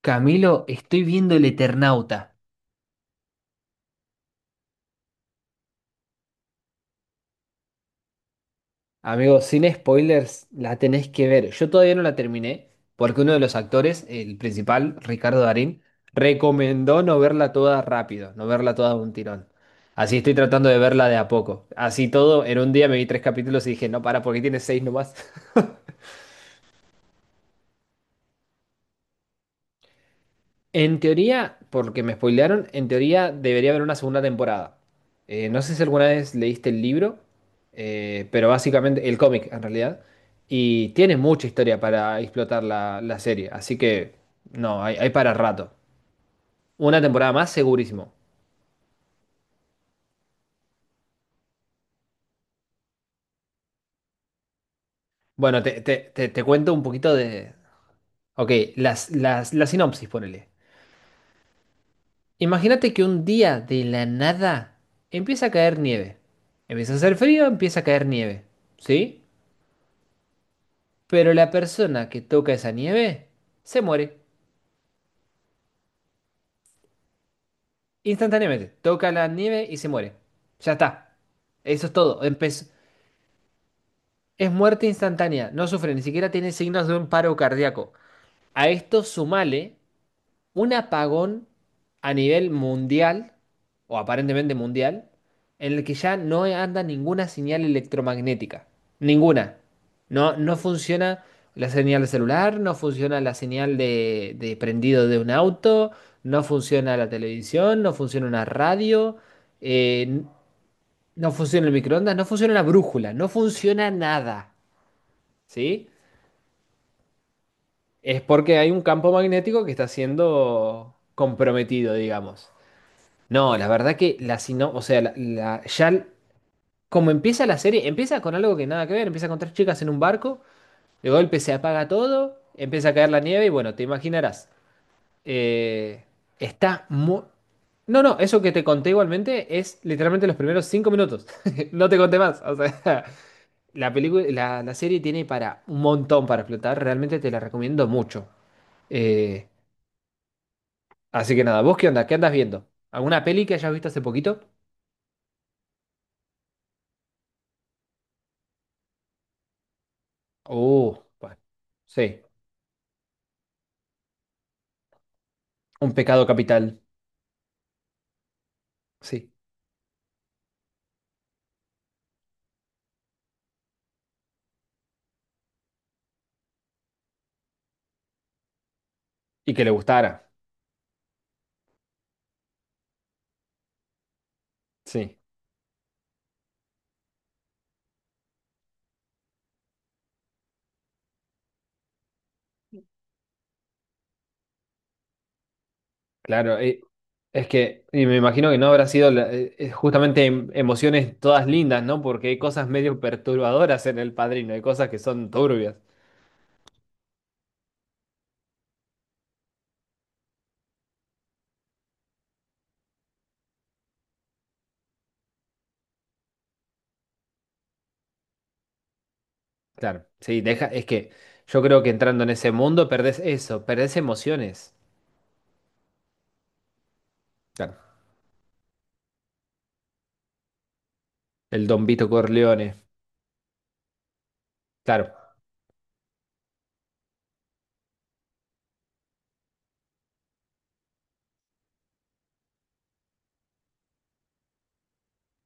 Camilo, estoy viendo El Eternauta. Amigo, sin spoilers, la tenés que ver. Yo todavía no la terminé porque uno de los actores, el principal, Ricardo Darín, recomendó no verla toda rápido, no verla toda de un tirón. Así estoy tratando de verla de a poco. Así todo, en un día me vi tres capítulos y dije, no, para, porque tiene seis nomás. En teoría, porque me spoilearon, en teoría debería haber una segunda temporada. No sé si alguna vez leíste el libro, pero básicamente el cómic en realidad. Y tiene mucha historia para explotar la serie, así que no, hay para rato. Una temporada más, segurísimo. Bueno, te cuento un poquito de... Ok, la sinopsis, ponele. Imagínate que un día de la nada empieza a caer nieve. Empieza a hacer frío, empieza a caer nieve. ¿Sí? Pero la persona que toca esa nieve se muere. Instantáneamente. Toca la nieve y se muere. Ya está. Eso es todo. Es muerte instantánea. No sufre, ni siquiera tiene signos de un paro cardíaco. A esto sumale: un apagón a nivel mundial, o aparentemente mundial, en el que ya no anda ninguna señal electromagnética. Ninguna. No, no funciona la señal celular, no funciona la señal de prendido de un auto, no funciona la televisión, no funciona una radio, eh, n- no funciona el microondas, no funciona la brújula, no funciona nada. ¿Sí? Es porque hay un campo magnético que está siendo comprometido, digamos. No, la verdad que o sea, como empieza la serie, empieza con algo que nada que ver, empieza con tres chicas en un barco, de golpe se apaga todo, empieza a caer la nieve y bueno, te imaginarás. Eh, está muy... No, no, eso que te conté igualmente es literalmente los primeros 5 minutos. No te conté más. O sea, la serie tiene para un montón para explotar, realmente te la recomiendo mucho. Eh, así que nada, ¿vos qué onda? ¿Qué andas viendo? ¿Alguna peli que hayas visto hace poquito? Oh, bueno, sí, un pecado capital, sí. Y que le gustara, sí, claro. Es que, y me imagino que no habrá sido justamente emociones todas lindas, ¿no? Porque hay cosas medio perturbadoras en El Padrino, hay cosas que son turbias. Claro, sí, deja, es que yo creo que entrando en ese mundo perdés eso, perdés emociones. Claro. El Don Vito Corleone, claro.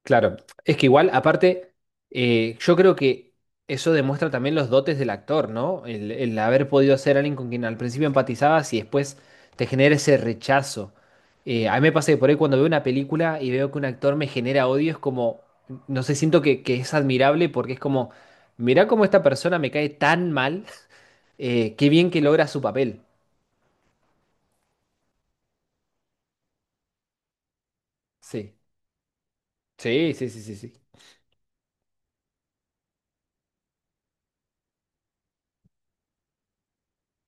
Claro, es que igual, aparte, yo creo que eso demuestra también los dotes del actor, ¿no? El haber podido ser alguien con quien al principio empatizabas y después te genera ese rechazo. A mí me pasa que por ahí cuando veo una película y veo que un actor me genera odio, es como, no sé, siento que es admirable porque es como, mirá cómo esta persona me cae tan mal, qué bien que logra su papel. Sí, sí, sí, sí, sí, sí.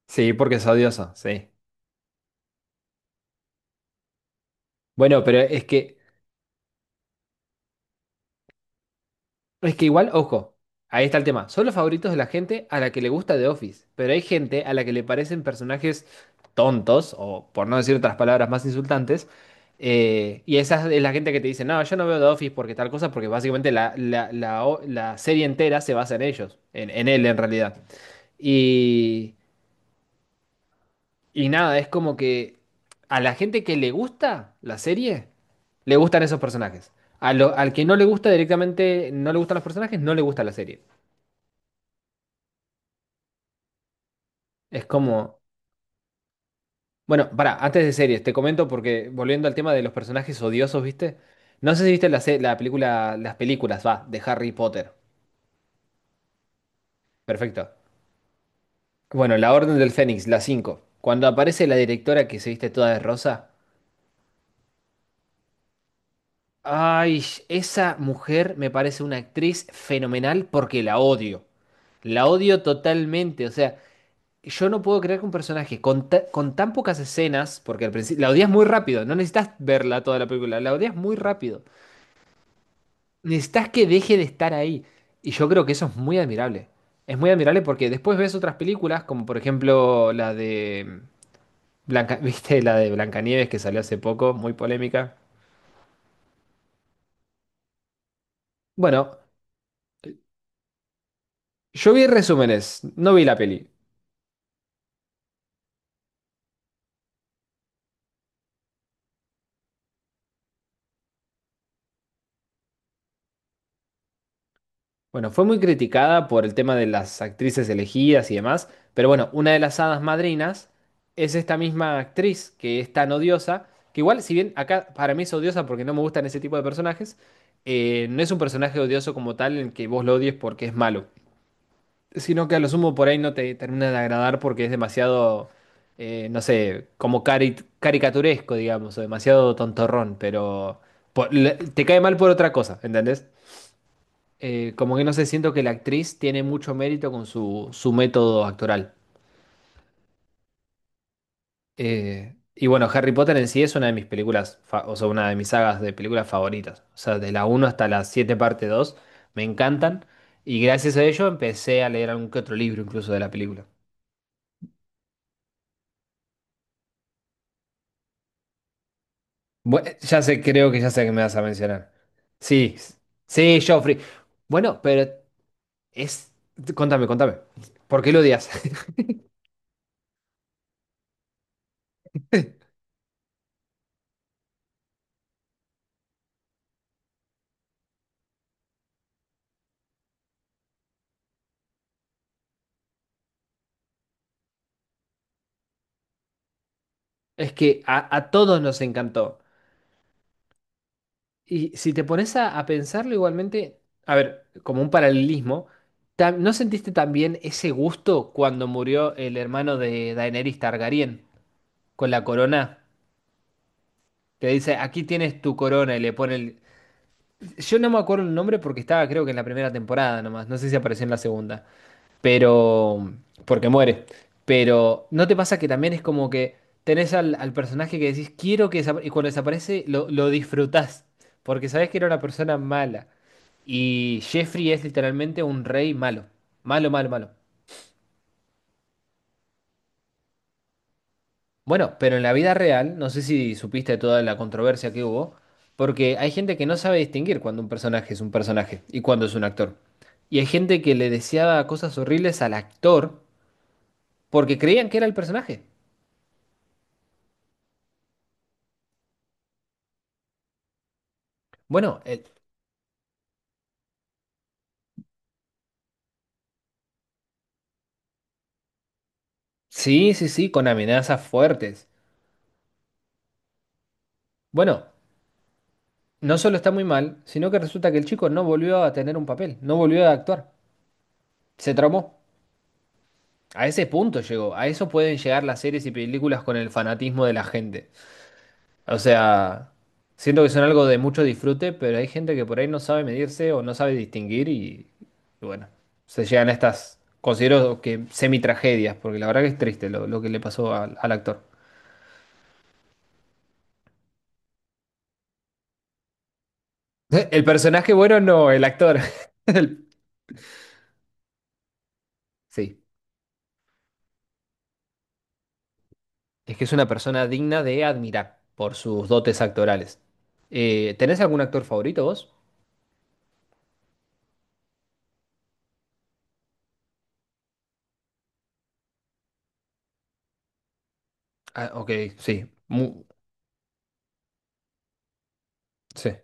Sí, porque es odioso, sí. Bueno, pero es que. Es que igual, ojo, ahí está el tema. Son los favoritos de la gente a la que le gusta The Office, pero hay gente a la que le parecen personajes tontos, o por no decir otras palabras más insultantes, y esa es la gente que te dice, no, yo no veo The Office porque tal cosa, porque básicamente la serie entera se basa en ellos, en él en realidad. Y, y nada, es como que a la gente que le gusta la serie, le gustan esos personajes. Al que no le gusta directamente, no le gustan los personajes, no le gusta la serie. Es como. Bueno, para, antes de series, te comento porque volviendo al tema de los personajes odiosos, ¿viste? No sé si viste la, se- la película, las películas, va, de Harry Potter. Perfecto. Bueno, La Orden del Fénix, la cinco. Cuando aparece la directora que se viste toda de rosa. Ay, esa mujer me parece una actriz fenomenal porque la odio. La odio totalmente. O sea, yo no puedo creer que un personaje con tan pocas escenas, porque al principio la odias muy rápido, no necesitas verla toda la película, la odias muy rápido. Necesitas que deje de estar ahí. Y yo creo que eso es muy admirable. Es muy admirable porque después ves otras películas, como por ejemplo la de Blanca, ¿viste? La de Blancanieves que salió hace poco, muy polémica. Bueno, yo vi resúmenes, no vi la peli. Bueno, fue muy criticada por el tema de las actrices elegidas y demás, pero bueno, una de las hadas madrinas es esta misma actriz que es tan odiosa, que igual, si bien acá para mí es odiosa porque no me gustan ese tipo de personajes, no es un personaje odioso como tal en que vos lo odies porque es malo, sino que a lo sumo por ahí no te termina de agradar porque es demasiado, no sé, como caricaturesco, digamos, o demasiado tontorrón, pero te cae mal por otra cosa, ¿entendés? Como que no sé, siento que la actriz tiene mucho mérito con su método actoral. Y bueno, Harry Potter en sí es una de mis películas, o sea, una de mis sagas de películas favoritas. O sea, de la uno hasta la 7 parte 2 me encantan. Y gracias a ello empecé a leer algún que otro libro incluso de la película. Bueno, ya sé, creo que ya sé que me vas a mencionar. Sí, s- sí, Joffrey. Bueno. Es... Contame, contame. ¿Por qué lo odias? Es que a todos nos encantó. Y si te pones a pensarlo igualmente, a ver, como un paralelismo, ¿no sentiste también ese gusto cuando murió el hermano de Daenerys Targaryen con la corona? Que dice, aquí tienes tu corona y le pone. Yo no me acuerdo el nombre porque estaba creo que en la primera temporada nomás, no sé si apareció en la segunda. Pero, porque muere. Pero, ¿no te pasa que también es como que tenés al personaje que decís, "quiero que desapa-", y cuando desaparece lo disfrutás, porque sabés que era una persona mala. Y Jeffrey es literalmente un rey malo, malo, malo, malo. Bueno, pero en la vida real, no sé si supiste de toda la controversia que hubo, porque hay gente que no sabe distinguir cuando un personaje es un personaje y cuando es un actor. Y hay gente que le deseaba cosas horribles al actor porque creían que era el personaje. Bueno. Sí, sí, sí, con amenazas fuertes. Bueno, no solo está muy mal, sino que resulta que el chico no volvió a tener un papel, no volvió a actuar. Se traumó. A ese punto llegó. A eso pueden llegar las series y películas con el fanatismo de la gente. O sea, siento que son algo de mucho disfrute, pero hay gente que por ahí no sabe medirse o no sabe distinguir y bueno, se llegan a estas, considero que semi-tragedias, porque la verdad que es triste lo que le pasó al actor. El personaje bueno, no, el actor. El- Sí. Es que es una persona digna de admirar por sus dotes actorales. ¿Tenés algún actor favorito vos? Ah, ok, sí. Sí.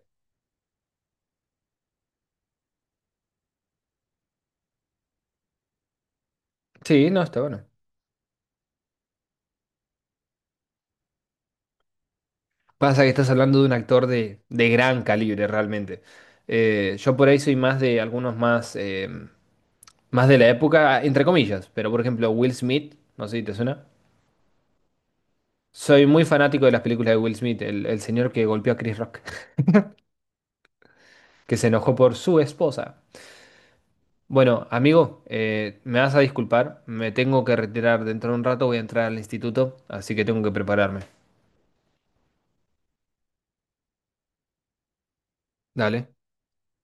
Sí, no, está bueno. Pasa que estás hablando de un actor de gran calibre, realmente. Yo por ahí soy más de algunos más, más de la época, entre comillas. Pero por ejemplo, Will Smith, no sé si te suena. Soy muy fanático de las películas de Will Smith, el señor que golpeó a Chris Rock, que se enojó por su esposa. Bueno, amigo, me vas a disculpar, me tengo que retirar dentro de un rato, voy a entrar al instituto, así que tengo que prepararme. Dale,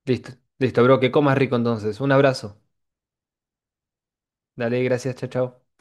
listo, listo, bro, que comas rico entonces. Un abrazo. Dale, gracias, chao, chao.